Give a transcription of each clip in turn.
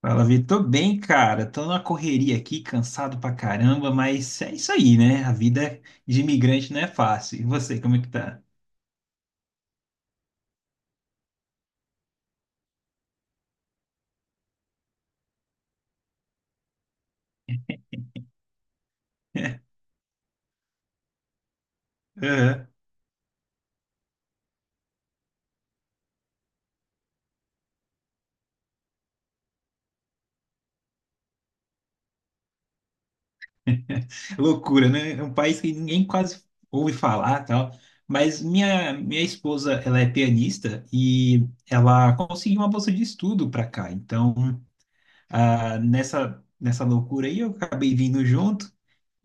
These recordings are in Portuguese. Fala, Vitor. Tô bem, cara. Tô numa correria aqui, cansado pra caramba, mas é isso aí, né? A vida de imigrante não é fácil. E você, como é que tá? Aham. Loucura, né? É um país que ninguém quase ouve falar, tal. Mas minha esposa, ela é pianista e ela conseguiu uma bolsa de estudo para cá. Então, nessa loucura aí, eu acabei vindo junto.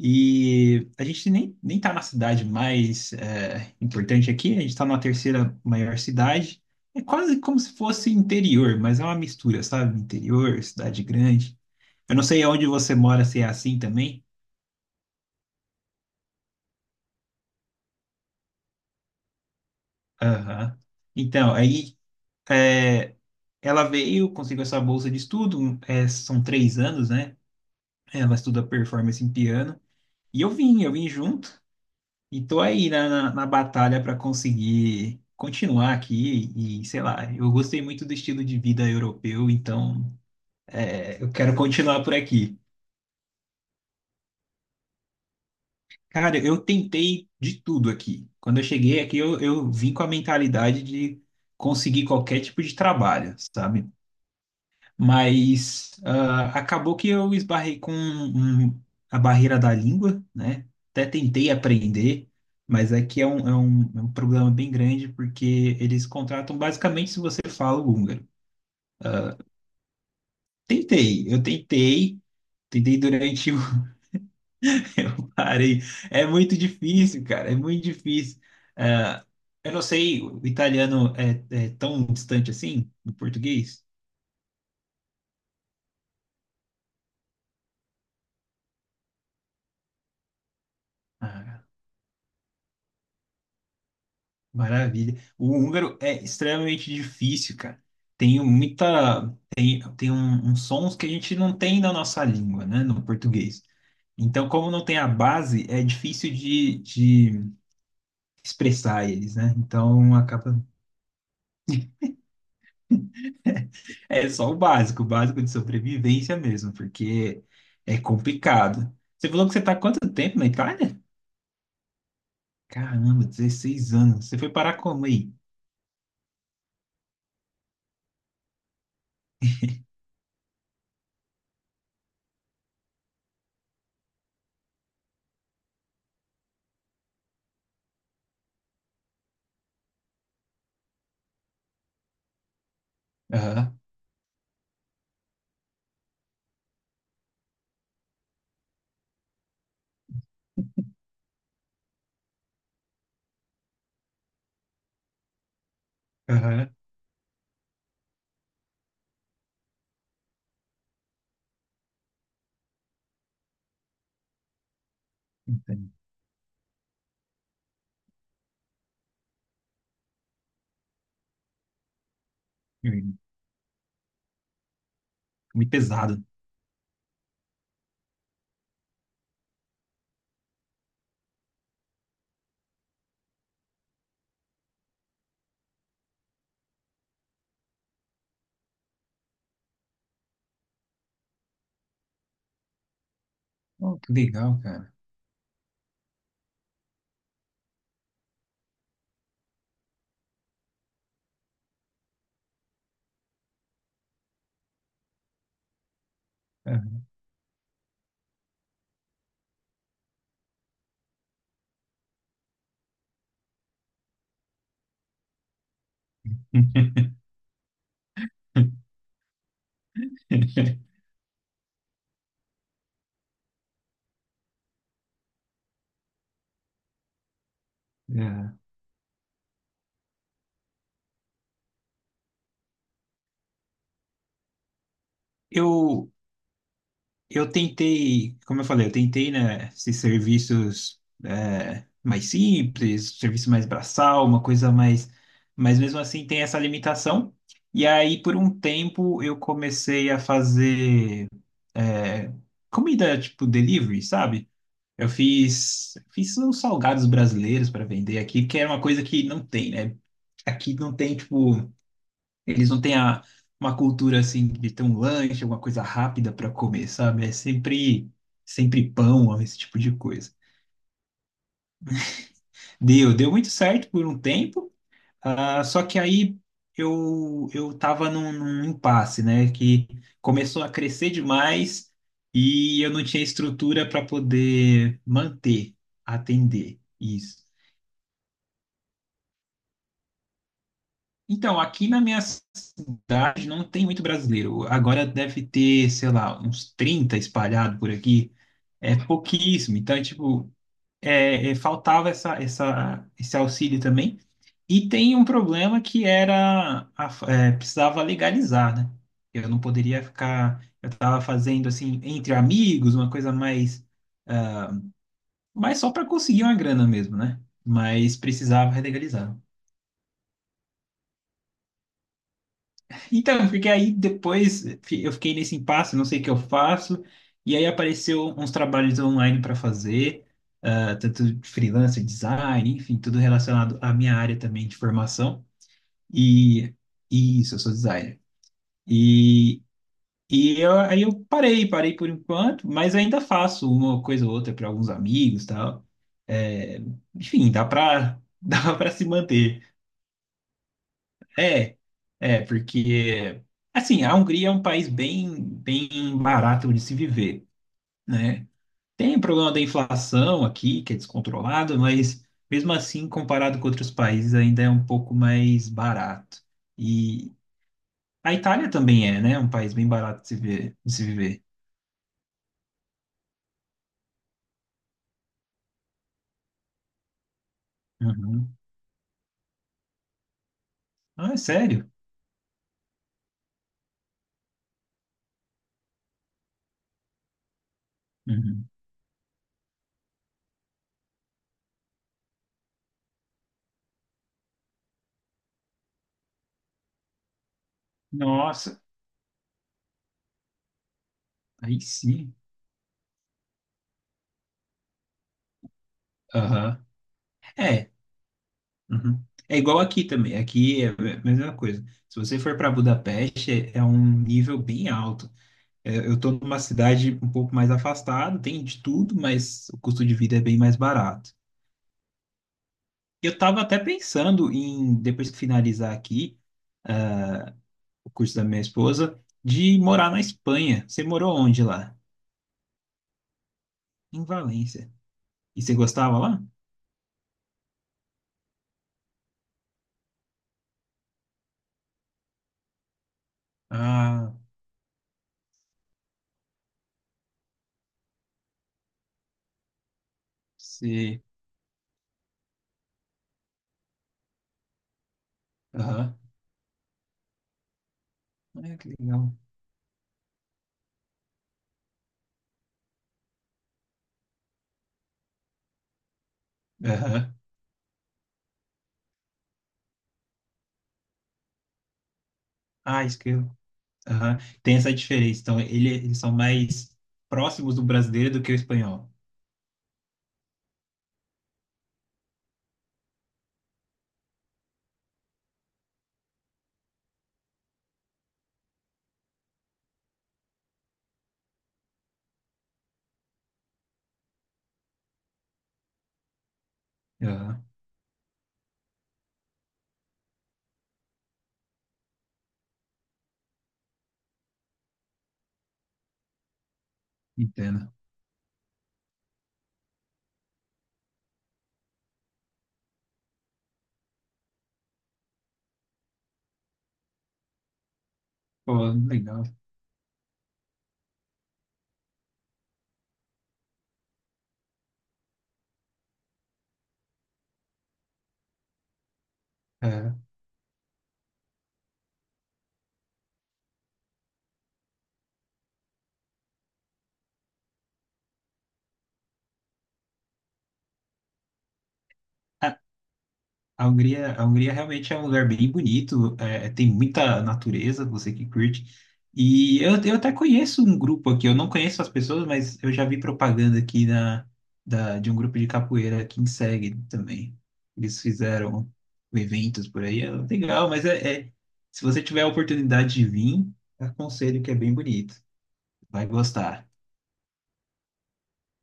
E a gente nem tá na cidade mais importante aqui, a gente está numa terceira maior cidade. É quase como se fosse interior, mas é uma mistura, sabe? Interior, cidade grande. Eu não sei onde você mora, se é assim também. Aham. Então, é, ela veio, conseguiu essa bolsa de estudo, são 3 anos, né? Ela estuda performance em piano. E eu vim junto. E tô aí na batalha para conseguir continuar aqui e, sei lá, eu gostei muito do estilo de vida europeu, então eu quero continuar por aqui. Cara, eu tentei de tudo aqui. Quando eu cheguei aqui, eu vim com a mentalidade de conseguir qualquer tipo de trabalho, sabe? Mas acabou que eu esbarrei com a barreira da língua, né? Até tentei aprender, mas aqui é um problema bem grande, porque eles contratam basicamente se você fala o húngaro. Tentei, tentei durante o. Eu parei. É muito difícil, cara, é muito difícil. Ah, eu não sei, o italiano é tão distante assim do português? Ah, maravilha. O húngaro é extremamente difícil, cara. Tem uns sons que a gente não tem na nossa língua, né, no português. Então, como não tem a base, é difícil de expressar eles, né? Então, acaba. É só o básico de sobrevivência mesmo, porque é complicado. Você falou que você está há quanto tempo na Itália? Caramba, 16 anos. Você foi parar como aí? Aham, aham. Entendi. Muito pesado. Oh, que legal, cara. É. É. Eu, eu tentei, como eu falei, né, esses serviços mais simples, serviço mais braçal, uma coisa mais, mas mesmo assim tem essa limitação. E aí, por um tempo, eu comecei a fazer é, comida tipo delivery, sabe? Eu fiz, fiz uns salgados brasileiros para vender aqui, que era uma coisa que não tem, né? Aqui não tem, tipo. Eles não têm uma cultura assim de ter um lanche, alguma coisa rápida para comer, sabe? É sempre, sempre pão, ó, esse tipo de coisa. Deu, deu muito certo por um tempo, só que aí eu tava num impasse, né? Que começou a crescer demais e eu não tinha estrutura para poder manter, atender isso. Então, aqui na minha cidade não tem muito brasileiro. Agora deve ter, sei lá, uns 30 espalhados por aqui. É pouquíssimo. Então, tipo, faltava essa, esse auxílio também. E tem um problema que era, precisava legalizar, né? Eu não poderia ficar, eu estava fazendo assim, entre amigos, uma coisa mais, mais só para conseguir uma grana mesmo, né? Mas precisava legalizar. Então, porque aí depois eu fiquei nesse impasse, não sei o que eu faço, e aí apareceu uns trabalhos online para fazer, tanto de freelancer, design, enfim, tudo relacionado à minha área também de formação. E, e isso, eu sou designer. E, e eu parei, parei por enquanto, mas ainda faço uma coisa ou outra para alguns amigos, tal. É, enfim, dá para dá para se manter. É, é, porque, assim, a Hungria é um país bem, bem barato de se viver, né? Tem o problema da inflação aqui, que é descontrolado, mas mesmo assim, comparado com outros países, ainda é um pouco mais barato. E a Itália também é, né? Um país bem barato de se ver, de se viver. Uhum. Ah, é sério? Uhum. Nossa, aí sim. Aham. É, Uhum. É igual aqui também. Aqui é a mesma coisa. Se você for para Budapeste, é um nível bem alto. É, eu estou numa cidade um pouco mais afastada, tem de tudo, mas o custo de vida é bem mais barato. Eu estava até pensando em, depois de finalizar aqui o curso da minha esposa, de morar na Espanha. Você morou onde lá? Em Valência. E você gostava lá? Ah, você. Aham. Ah, que legal. Aham. Ah, isso que eu. Aham. Tem essa diferença. Então, eles são mais próximos do brasileiro do que o espanhol. Aham. Entendo. Pô, legal. É. A Hungria realmente é um lugar bem bonito, tem muita natureza, você que curte. E eu até conheço um grupo aqui, eu não conheço as pessoas, mas eu já vi propaganda aqui na, de um grupo de capoeira aqui em Seg também. Eles fizeram eventos por aí, é legal, mas se você tiver a oportunidade de vir, aconselho que é bem bonito, vai gostar.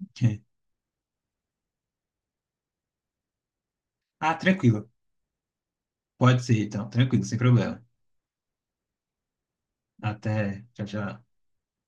Ah, tranquilo, pode ser então, tranquilo, sem problema. Até, tchau, tchau.